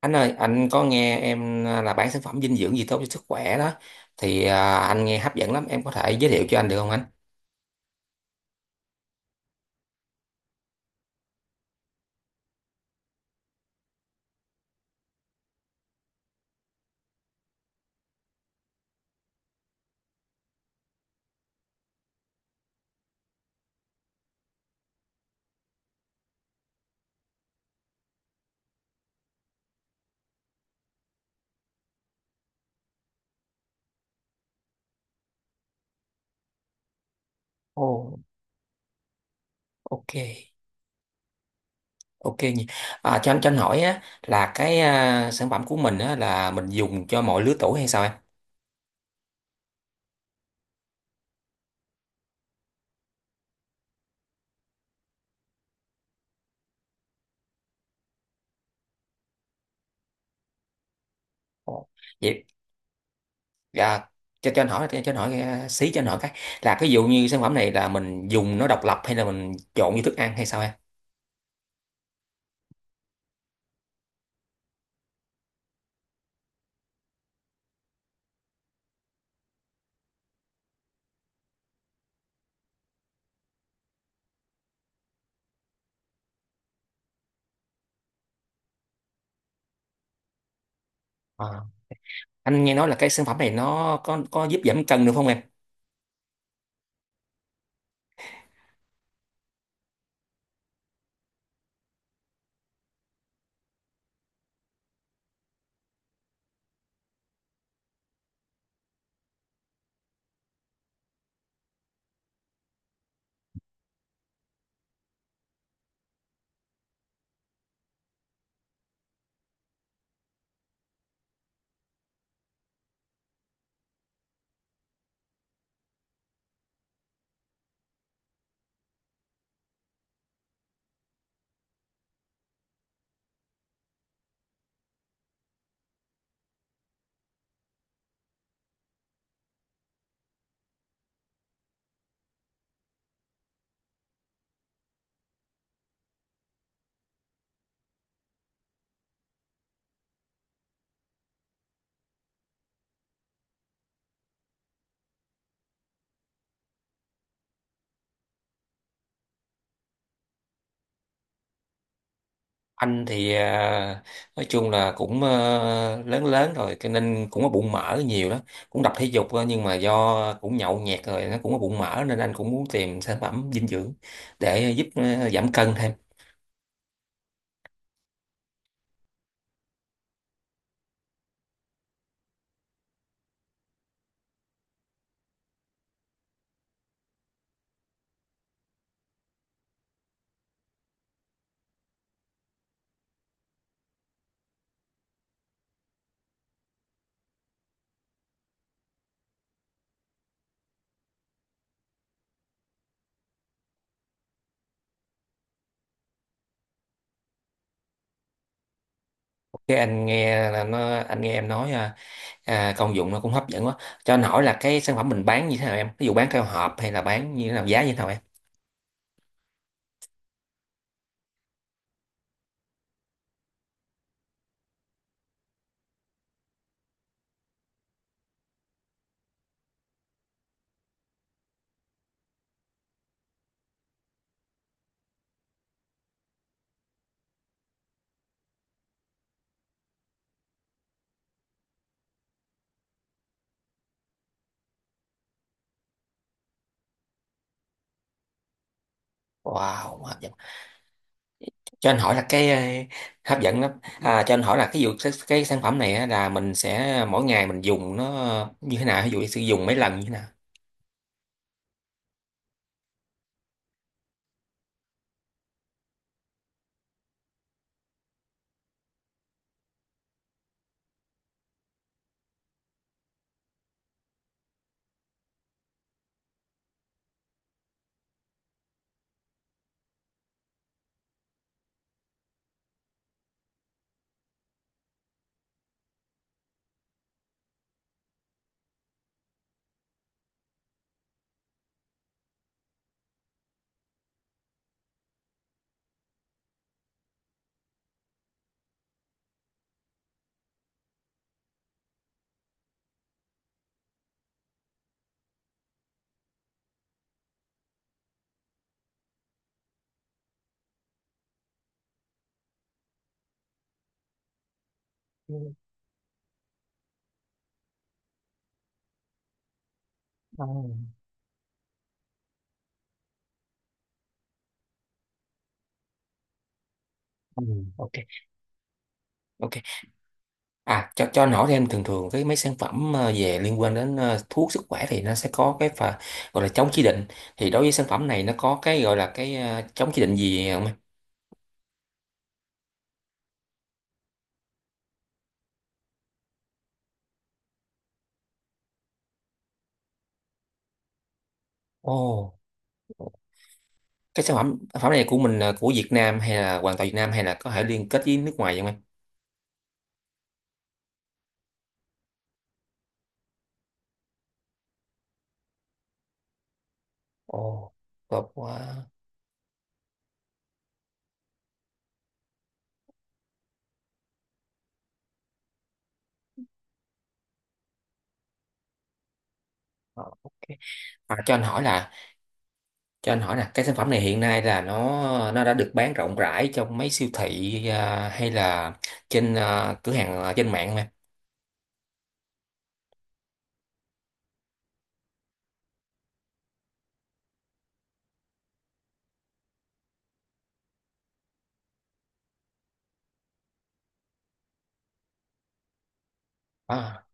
Anh ơi, anh có nghe em là bán sản phẩm dinh dưỡng gì tốt cho sức khỏe đó thì anh nghe hấp dẫn lắm, em có thể giới thiệu cho anh được không anh? Ồ, ok, ok nhỉ. À, cho anh hỏi á là cái sản phẩm của mình á là mình dùng cho mọi lứa tuổi hay sao em? Ồ, vậy à, cho anh hỏi cho anh hỏi à, xí cho anh hỏi cái là cái dụ như sản phẩm này là mình dùng nó độc lập hay là mình trộn với thức ăn hay sao em? À, anh nghe nói là cái sản phẩm này nó có giúp giảm cân được không em? Anh thì nói chung là cũng lớn lớn rồi cho nên cũng có bụng mỡ nhiều đó, cũng tập thể dục thôi, nhưng mà do cũng nhậu nhẹt rồi nó cũng có bụng mỡ nên anh cũng muốn tìm sản phẩm dinh dưỡng để giúp giảm cân thêm. Cái anh nghe là nó anh nghe em nói à, công dụng nó cũng hấp dẫn quá. Cho anh hỏi là cái sản phẩm mình bán như thế nào em, ví dụ bán theo hộp hay là bán như thế nào, giá như thế nào em? Wow, hấp dẫn. Cho anh hỏi là cái hấp dẫn lắm. À, cho anh hỏi là cái vụ cái sản phẩm này á, là mình sẽ mỗi ngày mình dùng nó như thế nào, ví dụ sử dụng mấy lần như thế nào? Ừ, à, ừ, ok, ok. À, cho anh hỏi thêm, thường thường cái mấy sản phẩm về liên quan đến thuốc sức khỏe thì nó sẽ có cái phần gọi là chống chỉ định, thì đối với sản phẩm này nó có cái gọi là cái chống chỉ định gì không em? Ồ. Cái sản phẩm này của mình là của Việt Nam hay là hoàn toàn Việt Nam hay là có thể liên kết với nước ngoài vậy không em? Ồ, tốt quá. Ờ, ok. À, cho anh hỏi là cái sản phẩm này hiện nay là nó đã được bán rộng rãi trong mấy siêu thị à, hay là trên à, cửa hàng à, trên mạng mà? À,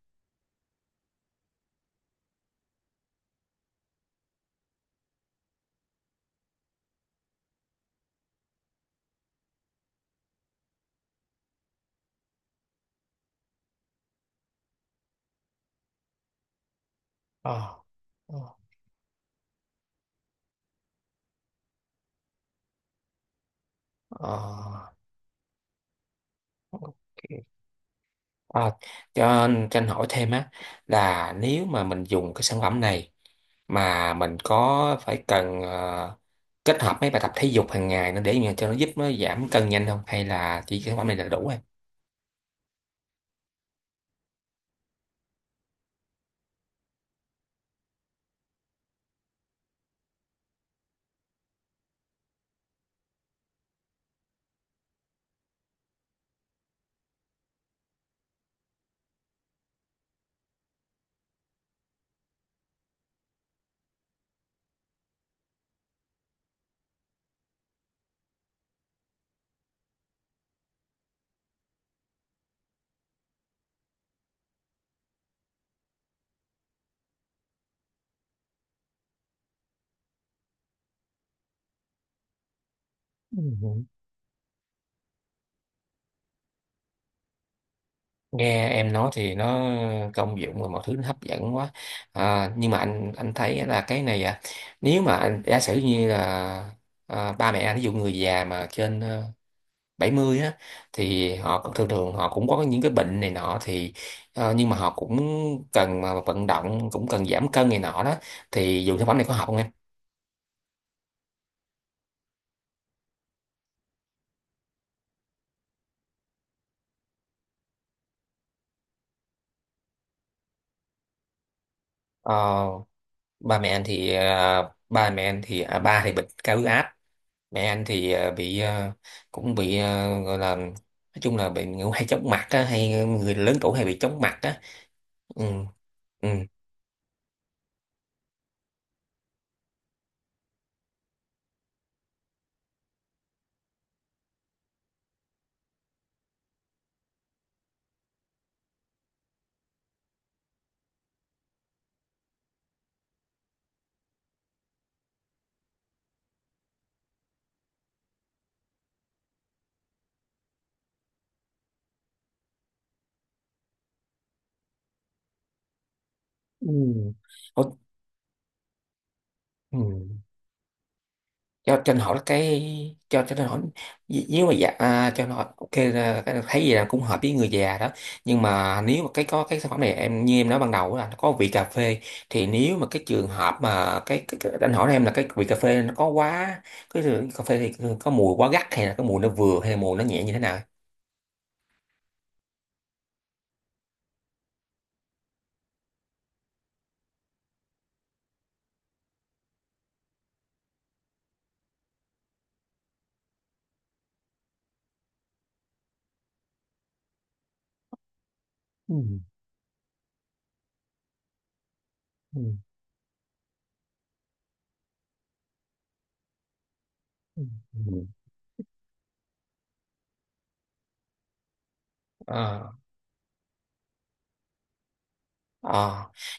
à, à, à, ok. À, cho anh hỏi thêm á, là nếu mà mình dùng cái sản phẩm này mà mình có phải cần kết hợp mấy bài tập thể dục hàng ngày nữa để mà cho nó giúp nó giảm cân nhanh không, hay là chỉ cái sản phẩm này là đủ? Rồi, nghe em nói thì nó công dụng và mọi thứ nó hấp dẫn quá. À, nhưng mà anh thấy là cái này à, nếu mà anh giả sử như là ba mẹ anh, ví dụ người già mà trên 70 á, thì họ cũng- thường thường họ cũng có những cái bệnh này nọ thì nhưng mà họ cũng cần mà vận động, cũng cần giảm cân này nọ đó, thì dùng sản phẩm này có học không em? Ờ, ba mẹ anh thì à, ba thì bệnh cao huyết áp, mẹ anh thì bị cũng bị gọi là nói chung là bị ngủ hay chóng mặt á, hay người lớn tuổi hay bị chóng mặt á. Ừ. Ừ. Ừ. Ủa, ừ. Cho anh hỏi cái cho anh hỏi n- nếu mà dạ à, cho anh hỏi ok là cái thấy gì là cũng hợp với người già đó, nhưng mà nếu mà cái có cái sản phẩm này em như em nói ban đầu là nó có vị cà phê, thì nếu mà cái trường hợp mà cái anh hỏi em là cái vị cà phê nó có quá cái cà phê thì có mùi quá gắt hay là cái mùi nó vừa hay là mùi nó nhẹ như thế nào? Ừ, ừ, ừ, ừ. Ờ, ờ.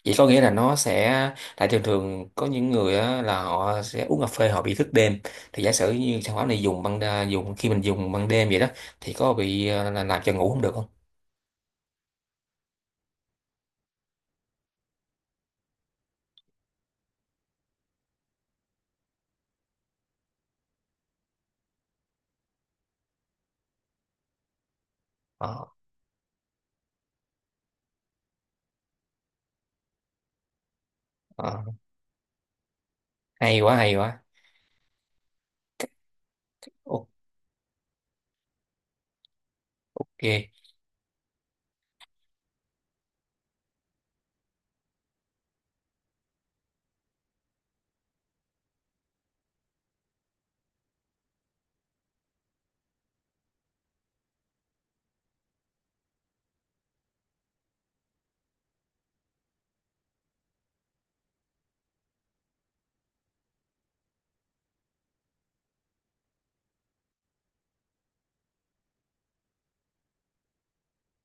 Vậy có nghĩa là nó sẽ, tại thường thường có những người á, là họ sẽ uống cà phê họ bị thức đêm, thì giả sử như sản phẩm này dùng ban đa- dùng khi mình dùng ban đêm vậy đó, thì có bị là làm cho ngủ không được không? Ờ, ờ. Hay quá, hay quá. Ok,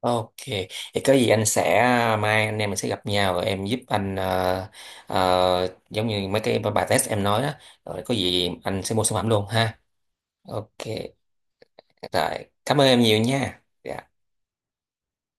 ok. Thì có gì anh sẽ, mai anh em mình sẽ gặp nhau rồi em giúp anh giống như mấy cái bài test em nói đó, rồi có gì anh sẽ mua sản phẩm luôn ha. Ok. Rồi, cảm ơn em nhiều nha. Dạ.